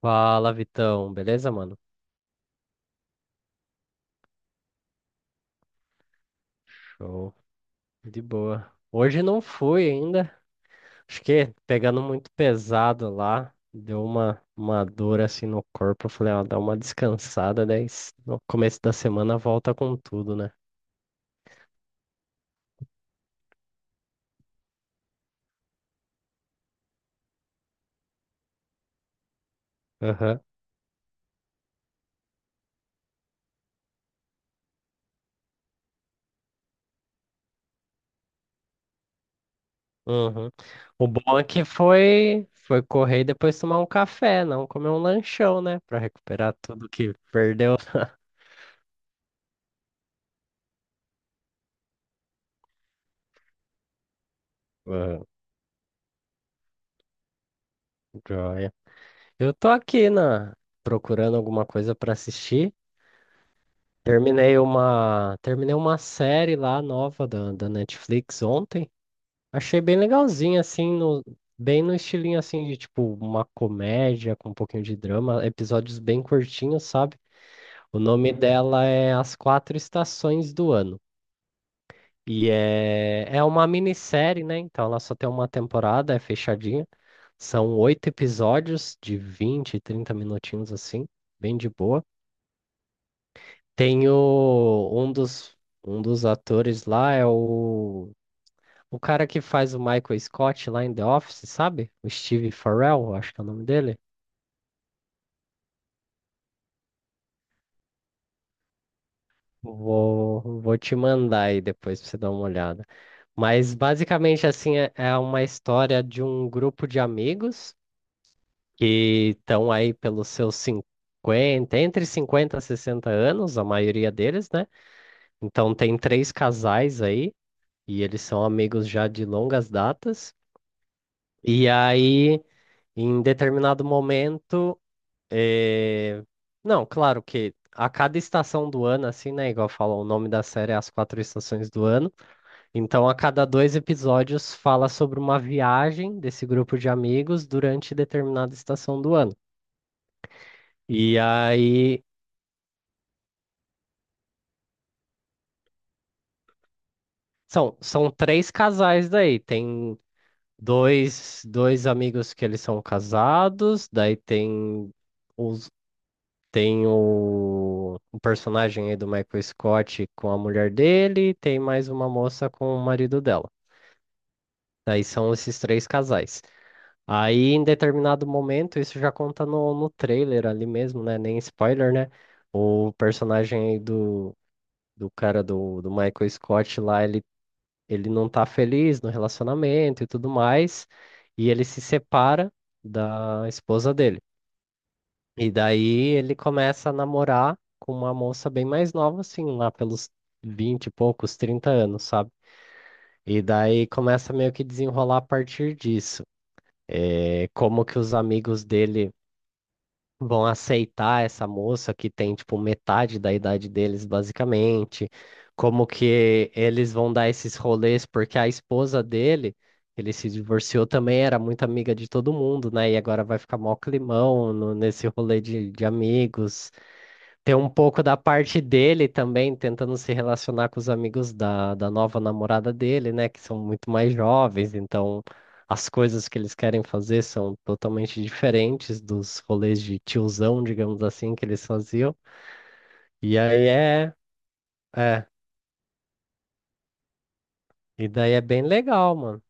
Fala, Vitão. Beleza, mano? Show. De boa. Hoje não fui ainda. Acho que pegando muito pesado lá. Deu uma dor assim no corpo. Eu Falei, ó, dá uma descansada. Daí no começo da semana volta com tudo, né? Aham. Uhum. O bom é que foi correr e depois tomar um café, não comer um lanchão, né? Pra recuperar tudo que perdeu. Aham, joia. Eu tô procurando alguma coisa pra assistir. Terminei uma série lá nova da Netflix ontem. Achei bem legalzinha, bem no estilinho assim de tipo uma comédia com um pouquinho de drama, episódios bem curtinhos, sabe? O nome dela é As Quatro Estações do Ano. É uma minissérie, né? Então ela só tem uma temporada, é fechadinha. São oito episódios de 20, 30 minutinhos assim, bem de boa. Tem o, um dos atores lá o cara que faz o Michael Scott lá em The Office, sabe? O Steve Farrell, acho que é o nome dele. Vou te mandar aí depois pra você dar uma olhada. Mas basicamente assim é uma história de um grupo de amigos que estão aí pelos seus cinquenta, entre 50 e 60 anos, a maioria deles, né? Então tem três casais aí e eles são amigos já de longas datas. E aí, em determinado momento, eh, não, claro que a cada estação do ano, assim, né? Igual falam, o nome da série é As Quatro Estações do Ano. Então, a cada dois episódios fala sobre uma viagem desse grupo de amigos durante determinada estação do ano. E aí, são três casais daí. Tem dois amigos que eles são casados, daí tem os. Tem o personagem aí do Michael Scott com a mulher dele, tem mais uma moça com o marido dela. Daí são esses três casais. Aí, em determinado momento, isso já conta no trailer ali mesmo, né? Nem spoiler, né? O personagem aí do, do cara do Michael Scott lá, ele não tá feliz no relacionamento e tudo mais, e ele se separa da esposa dele. E daí ele começa a namorar com uma moça bem mais nova, assim, lá pelos 20 e poucos, 30 anos, sabe? E daí começa meio que desenrolar a partir disso. É, como que os amigos dele vão aceitar essa moça que tem, tipo, metade da idade deles, basicamente. Como que eles vão dar esses rolês, porque a esposa dele, ele se divorciou também, era muito amiga de todo mundo, né? E agora vai ficar mó climão nesse rolê de amigos. Tem um pouco da parte dele também, tentando se relacionar com os amigos da nova namorada dele, né? Que são muito mais jovens, então as coisas que eles querem fazer são totalmente diferentes dos rolês de tiozão, digamos assim, que eles faziam. E aí é, é, e daí é bem legal, mano.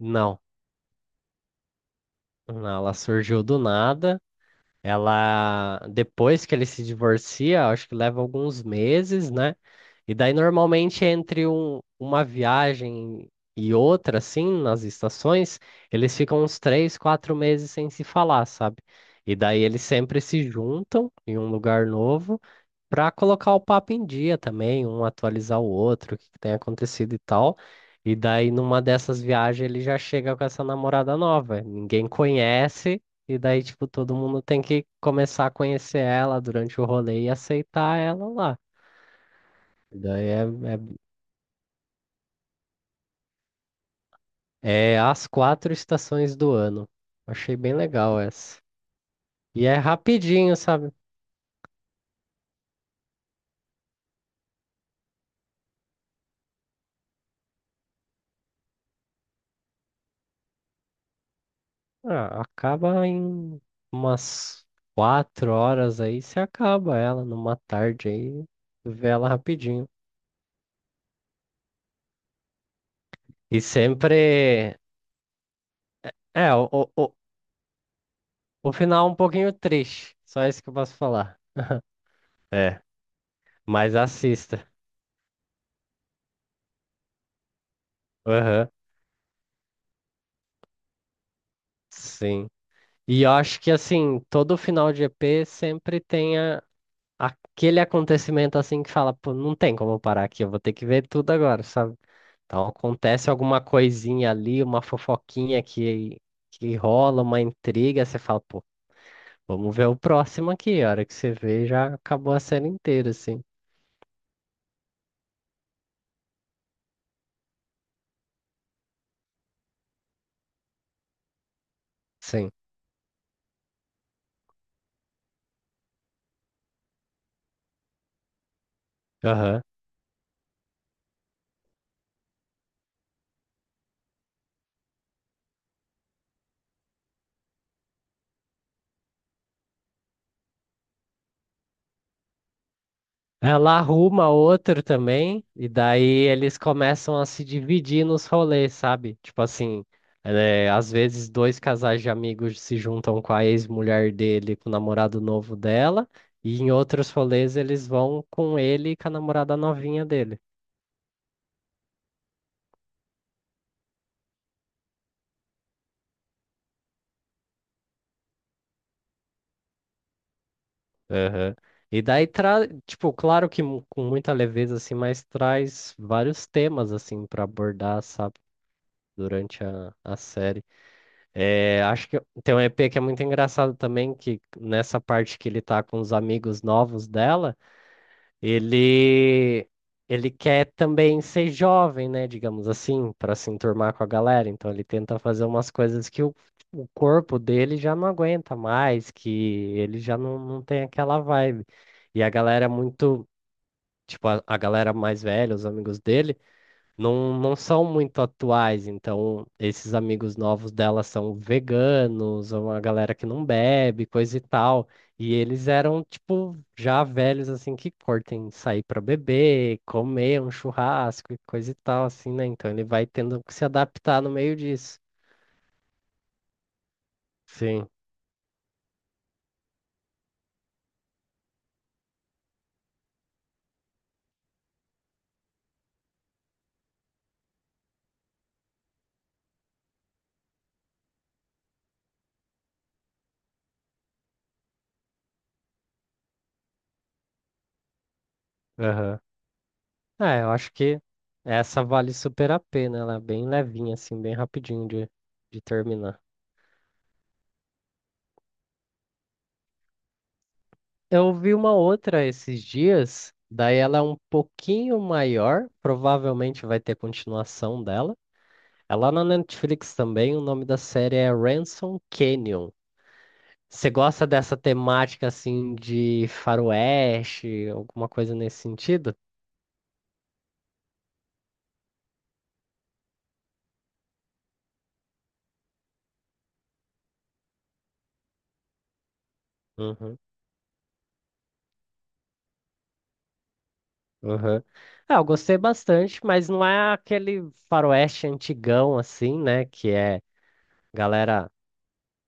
Não, não, ela surgiu do nada. Ela, depois que ele se divorcia, acho que leva alguns meses, né? E daí, normalmente, entre uma viagem e outra, assim, nas estações, eles ficam uns três, quatro meses sem se falar, sabe? E daí eles sempre se juntam em um lugar novo para colocar o papo em dia também, um atualizar o outro, o que que tem acontecido e tal. E daí, numa dessas viagens, ele já chega com essa namorada nova. Ninguém conhece, e daí, tipo, todo mundo tem que começar a conhecer ela durante o rolê e aceitar ela lá. Daí é, é É as quatro estações do ano. Achei bem legal essa. E é rapidinho, sabe? Ah, acaba em umas quatro horas aí, você acaba ela numa tarde aí, vê ela rapidinho. E sempre. É, o, o, o, o final é um pouquinho triste. Só isso que eu posso falar. É, mas assista. Aham, sim. E eu acho que assim, todo final de EP sempre tem aquele acontecimento assim que fala, pô, não tem como eu parar aqui, eu vou ter que ver tudo agora, sabe? Então acontece alguma coisinha ali, uma fofoquinha que rola, uma intriga, você fala, pô, vamos ver o próximo aqui. A hora que você vê, já acabou a série inteira, assim. Sim. Aham. Ela arruma outro também, e daí eles começam a se dividir nos rolês, sabe? Tipo assim, é, às vezes dois casais de amigos se juntam com a ex-mulher dele, com o namorado novo dela, e em outros rolês eles vão com ele e com a namorada novinha dele. Aham. E daí traz, tipo, claro que com muita leveza, assim, mas traz vários temas, assim, pra abordar, sabe? Durante a série. É, acho que tem um EP que é muito engraçado também, que nessa parte que ele tá com os amigos novos dela, ele ele quer também ser jovem, né, digamos assim, para se enturmar com a galera. Então ele tenta fazer umas coisas que o corpo dele já não aguenta mais, que ele já não tem aquela vibe. E a galera é muito, tipo, a galera mais velha, os amigos dele não são muito atuais, então esses amigos novos dela são veganos, ou uma galera que não bebe, coisa e tal. E eles eram, tipo, já velhos, assim, que curtem sair pra beber, comer um churrasco e coisa e tal, assim, né? Então ele vai tendo que se adaptar no meio disso. Sim, aham. É, eu acho que essa vale super a pena, ela é bem levinha, assim, bem rapidinho de terminar. Eu ouvi uma outra esses dias, daí ela é um pouquinho maior, provavelmente vai ter continuação dela. Ela na Netflix também, o nome da série é Ransom Canyon. Você gosta dessa temática assim de faroeste, alguma coisa nesse sentido? Uhum, uhum. Ah, eu gostei bastante, mas não é aquele faroeste antigão assim, né, que é galera,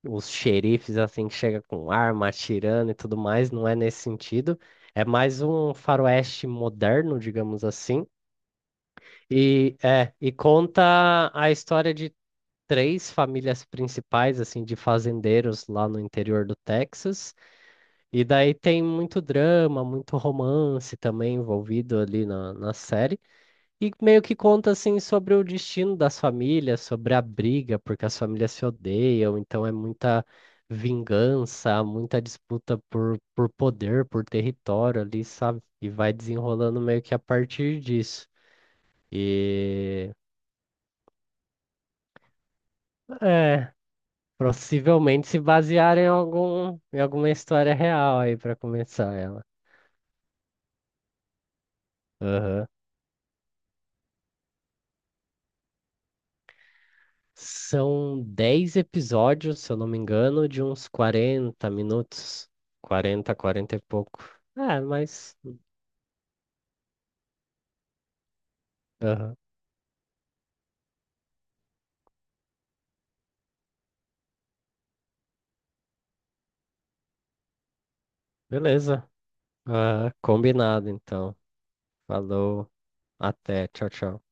os xerifes assim que chega com arma atirando e tudo mais, não é nesse sentido. É mais um faroeste moderno, digamos assim. E é, e conta a história de três famílias principais assim de fazendeiros lá no interior do Texas. E daí tem muito drama, muito romance também envolvido ali na série. E meio que conta assim sobre o destino das famílias, sobre a briga, porque as famílias se odeiam, então é muita vingança, muita disputa por poder, por território ali, sabe? E vai desenrolando meio que a partir disso. E é, possivelmente se basear em algum, em alguma história real aí para começar ela. Aham. São 10 episódios, se eu não me engano, de uns 40 minutos. Quarenta, 40 e pouco. É, mas. Aham. Beleza. Ah, combinado, então. Falou. Até. Tchau, tchau.